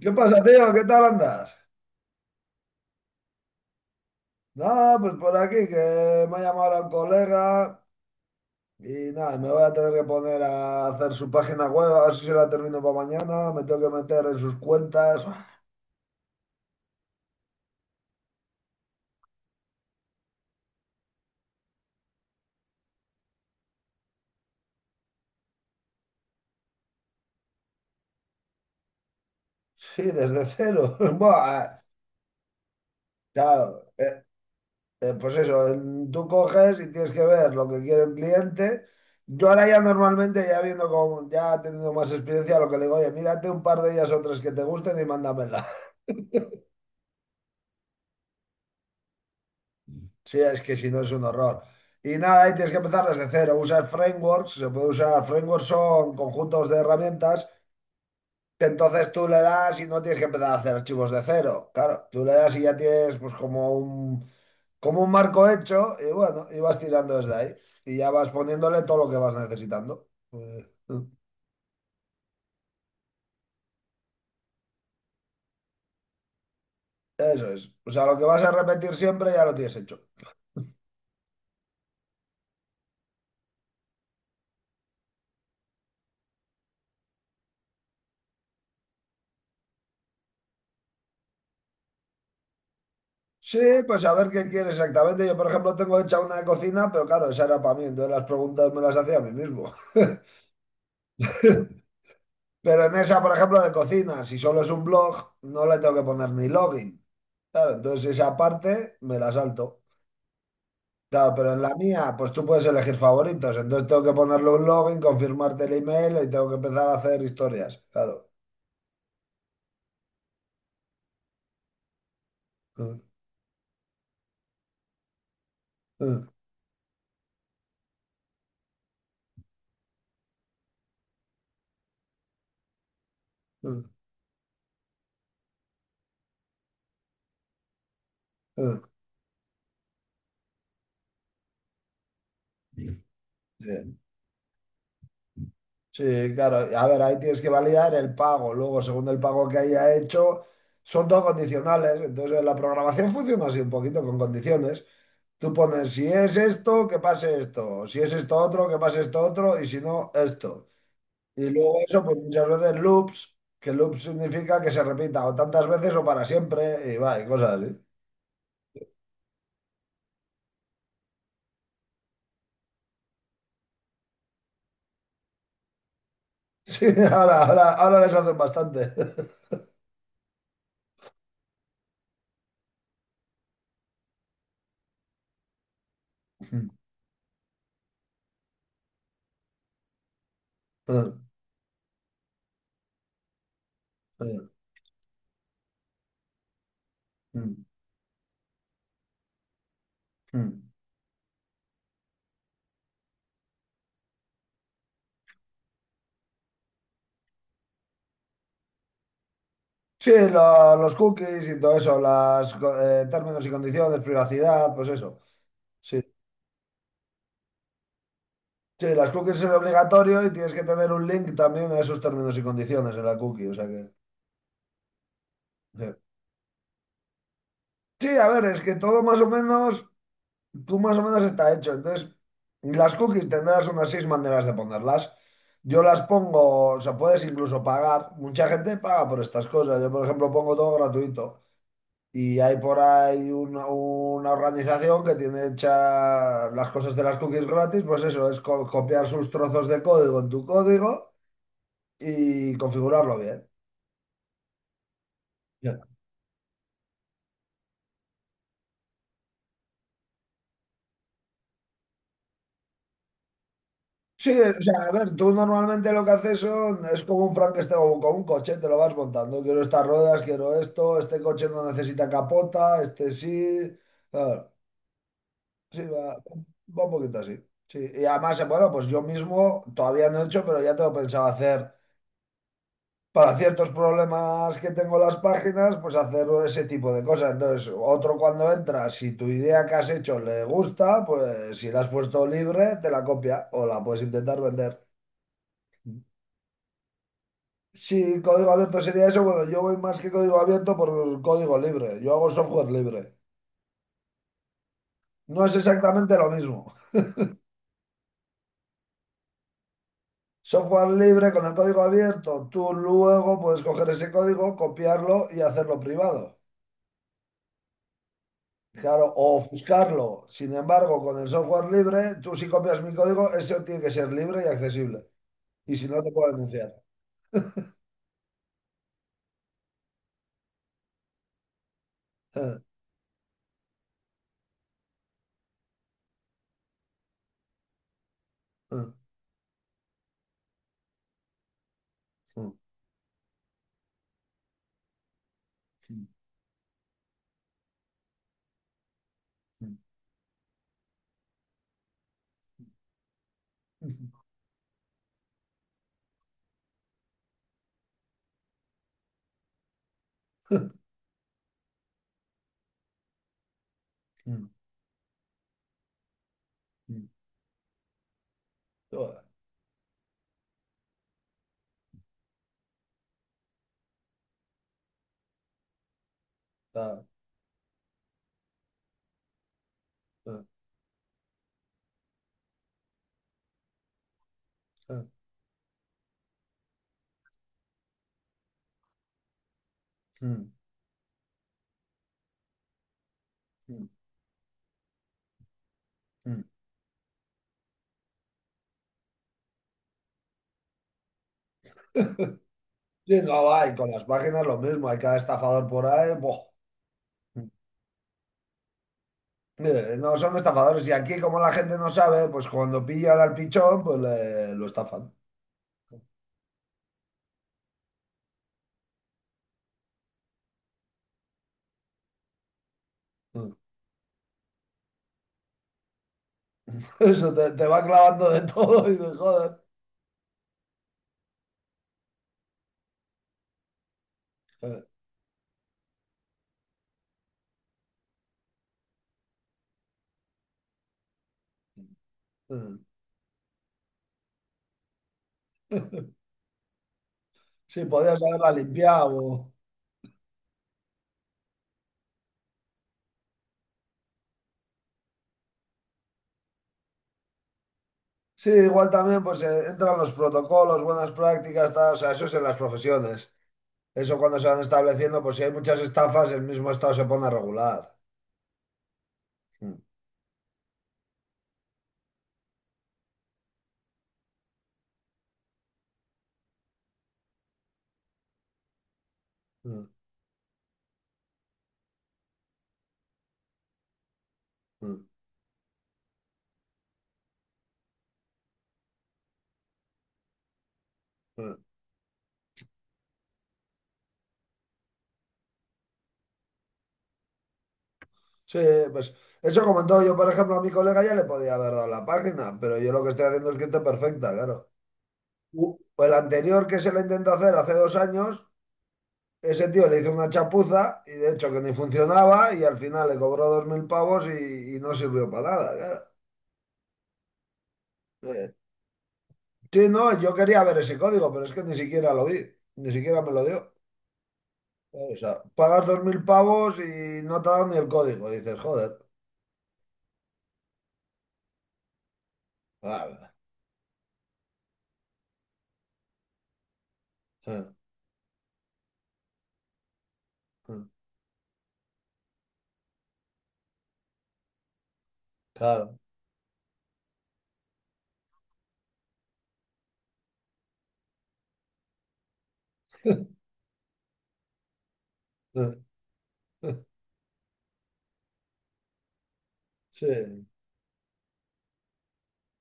¿Qué pasa, tío? ¿Qué tal andas? Nada, pues por aquí que me ha llamado ahora un colega y nada, me voy a tener que poner a hacer su página web, a ver si se la termino para mañana, me tengo que meter en sus cuentas. Sí, desde cero. Buah, claro, eh, pues eso, en- tú coges y tienes que ver lo que quiere el cliente. Yo ahora ya normalmente, ya viendo como ya teniendo más experiencia, lo que le digo, oye, mírate un par de ellas o tres que te gusten y mándamela. Sí, es que si no es un horror. Y nada, ahí tienes que empezar desde cero. Usar frameworks, se puede usar, frameworks son conjuntos de herramientas que entonces tú le das y no tienes que empezar a hacer archivos de cero. Claro, tú le das y ya tienes pues como un marco hecho y bueno, y vas tirando desde ahí y ya vas poniéndole todo lo que vas necesitando. Eh, Eso es. O sea, lo que vas a repetir siempre ya lo tienes hecho. Sí, pues a ver qué quieres exactamente. Yo, por ejemplo, tengo hecha una de cocina, pero claro, esa era para mí, entonces las preguntas me las hacía a mí mismo. Pero en esa, por ejemplo, de cocina, si solo es un blog, no le tengo que poner ni login. Claro, entonces esa parte me la salto. Claro, pero en la mía, pues tú puedes elegir favoritos. Entonces tengo que ponerle un login, confirmarte el email y tengo que empezar a hacer historias. Claro. Mm, mm, mm, mm. Sí, sí, claro. A ver, ahí tienes que validar el pago. Luego, según el pago que haya hecho, son todo condicionales. Entonces, la programación funciona así un poquito con condiciones. Tú pones, si es esto, que pase esto. Si es esto otro, que pase esto otro. Y si no, esto. Y luego eso, pues muchas veces loops, que loop significa que se repita o tantas veces o para siempre. Y va, y cosas así. Sí, ahora les hacen bastante. Sí, lo- los cookies y todo eso, las términos y condiciones, privacidad, pues eso. Sí. Sí, las cookies es obligatorio y tienes que tener un link también a esos términos y condiciones en la cookie, o sea que. Sí. Sí, a ver, es que todo más o menos, tú más o menos está hecho. Entonces, las cookies tendrás unas seis maneras de ponerlas. Yo las pongo, o sea, puedes incluso pagar. Mucha gente paga por estas cosas. Yo, por ejemplo, pongo todo gratuito. Y hay por ahí una organización que tiene hecha las cosas de las cookies gratis. Pues eso, es co- copiar sus trozos de código en tu código y configurarlo bien. Sí, o sea, a ver, tú normalmente lo que haces son, es como un Frankenstein o con un coche, te lo vas montando. Quiero estas ruedas, quiero esto, este coche no necesita capota, este sí. Claro, sí, va, va un poquito así. Sí, y además, bueno, pues yo mismo todavía no he hecho, pero ya tengo pensado hacer, para ciertos problemas que tengo en las páginas, pues hacer ese tipo de cosas. Entonces, otro cuando entra, si tu idea que has hecho le gusta, pues si la has puesto libre, te la copia o la puedes intentar vender. Sí, código abierto sería eso. Bueno, yo voy más que código abierto por código libre. Yo hago software libre. No es exactamente lo mismo. Software libre con el código abierto. Tú luego puedes coger ese código, copiarlo y hacerlo privado. Claro, o ofuscarlo. Sin embargo, con el software libre, tú si copias mi código, eso tiene que ser libre y accesible. Y si no, te puedo denunciar. Joder, ah, ah, ah, mm, mm, mm. Sí, no, va, y con las páginas lo mismo, hay cada estafador por ahí. Buah. No son estafadores y aquí como la gente no sabe, pues cuando pillan al pichón, pues le- lo estafan. Mm. Eso te, te va clavando de todo y de joder. Eh, eh, Sí, podías haberla limpiado. Sí, igual también pues entran los protocolos, buenas prácticas, tal, o sea, eso es en las profesiones. Eso cuando se van estableciendo, pues si hay muchas estafas, el mismo Estado se pone a regular. Mm, mm, mm, mm. Sí, pues eso como en todo, yo por ejemplo a mi colega ya le podía haber dado la página, pero yo lo que estoy haciendo es que esté perfecta, claro. U- El anterior que se lo intentó hacer hace 2 años, ese tío le hizo una chapuza y de hecho que ni funcionaba y al final le cobró 2000 pavos y no sirvió para nada, claro. Sí, no, yo quería ver ese código, pero es que ni siquiera lo vi, ni siquiera me lo dio. O sea, pagas 2000 pavos y no te dan ni el código, dices, joder. Claro, sí, sí, claro. eh, sí.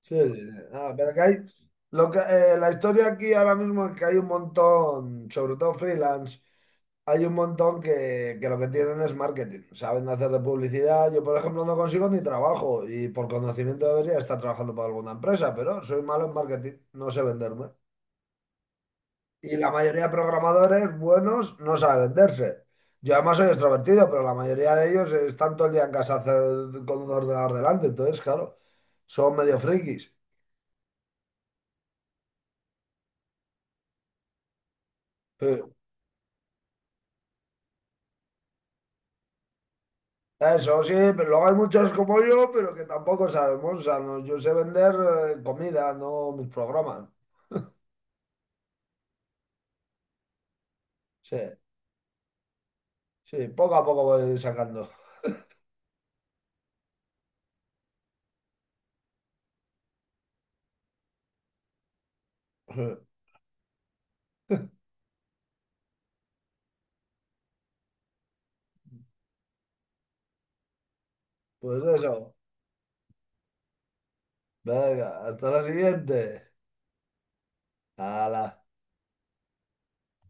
Sí, sí, sí. Ah, pero que hay. Lo que, la historia aquí ahora mismo es que hay un montón, sobre todo freelance, hay un montón que lo que tienen es marketing. Saben hacer de publicidad. Yo, por ejemplo, no consigo ni trabajo y por conocimiento debería estar trabajando para alguna empresa, pero soy malo en marketing, no sé venderme. Y la mayoría de programadores buenos no saben venderse. Yo además soy extrovertido, pero la mayoría de ellos están todo el día en casa hacer- con un ordenador delante, entonces, claro, son medio frikis. Eso sí, pero luego hay muchos como yo, pero que tampoco sabemos. O sea, no- yo sé vender comida, no mis programas. Sí, sí, poco a poco voy sacando. Pues eso. Venga, hasta la siguiente. Hala.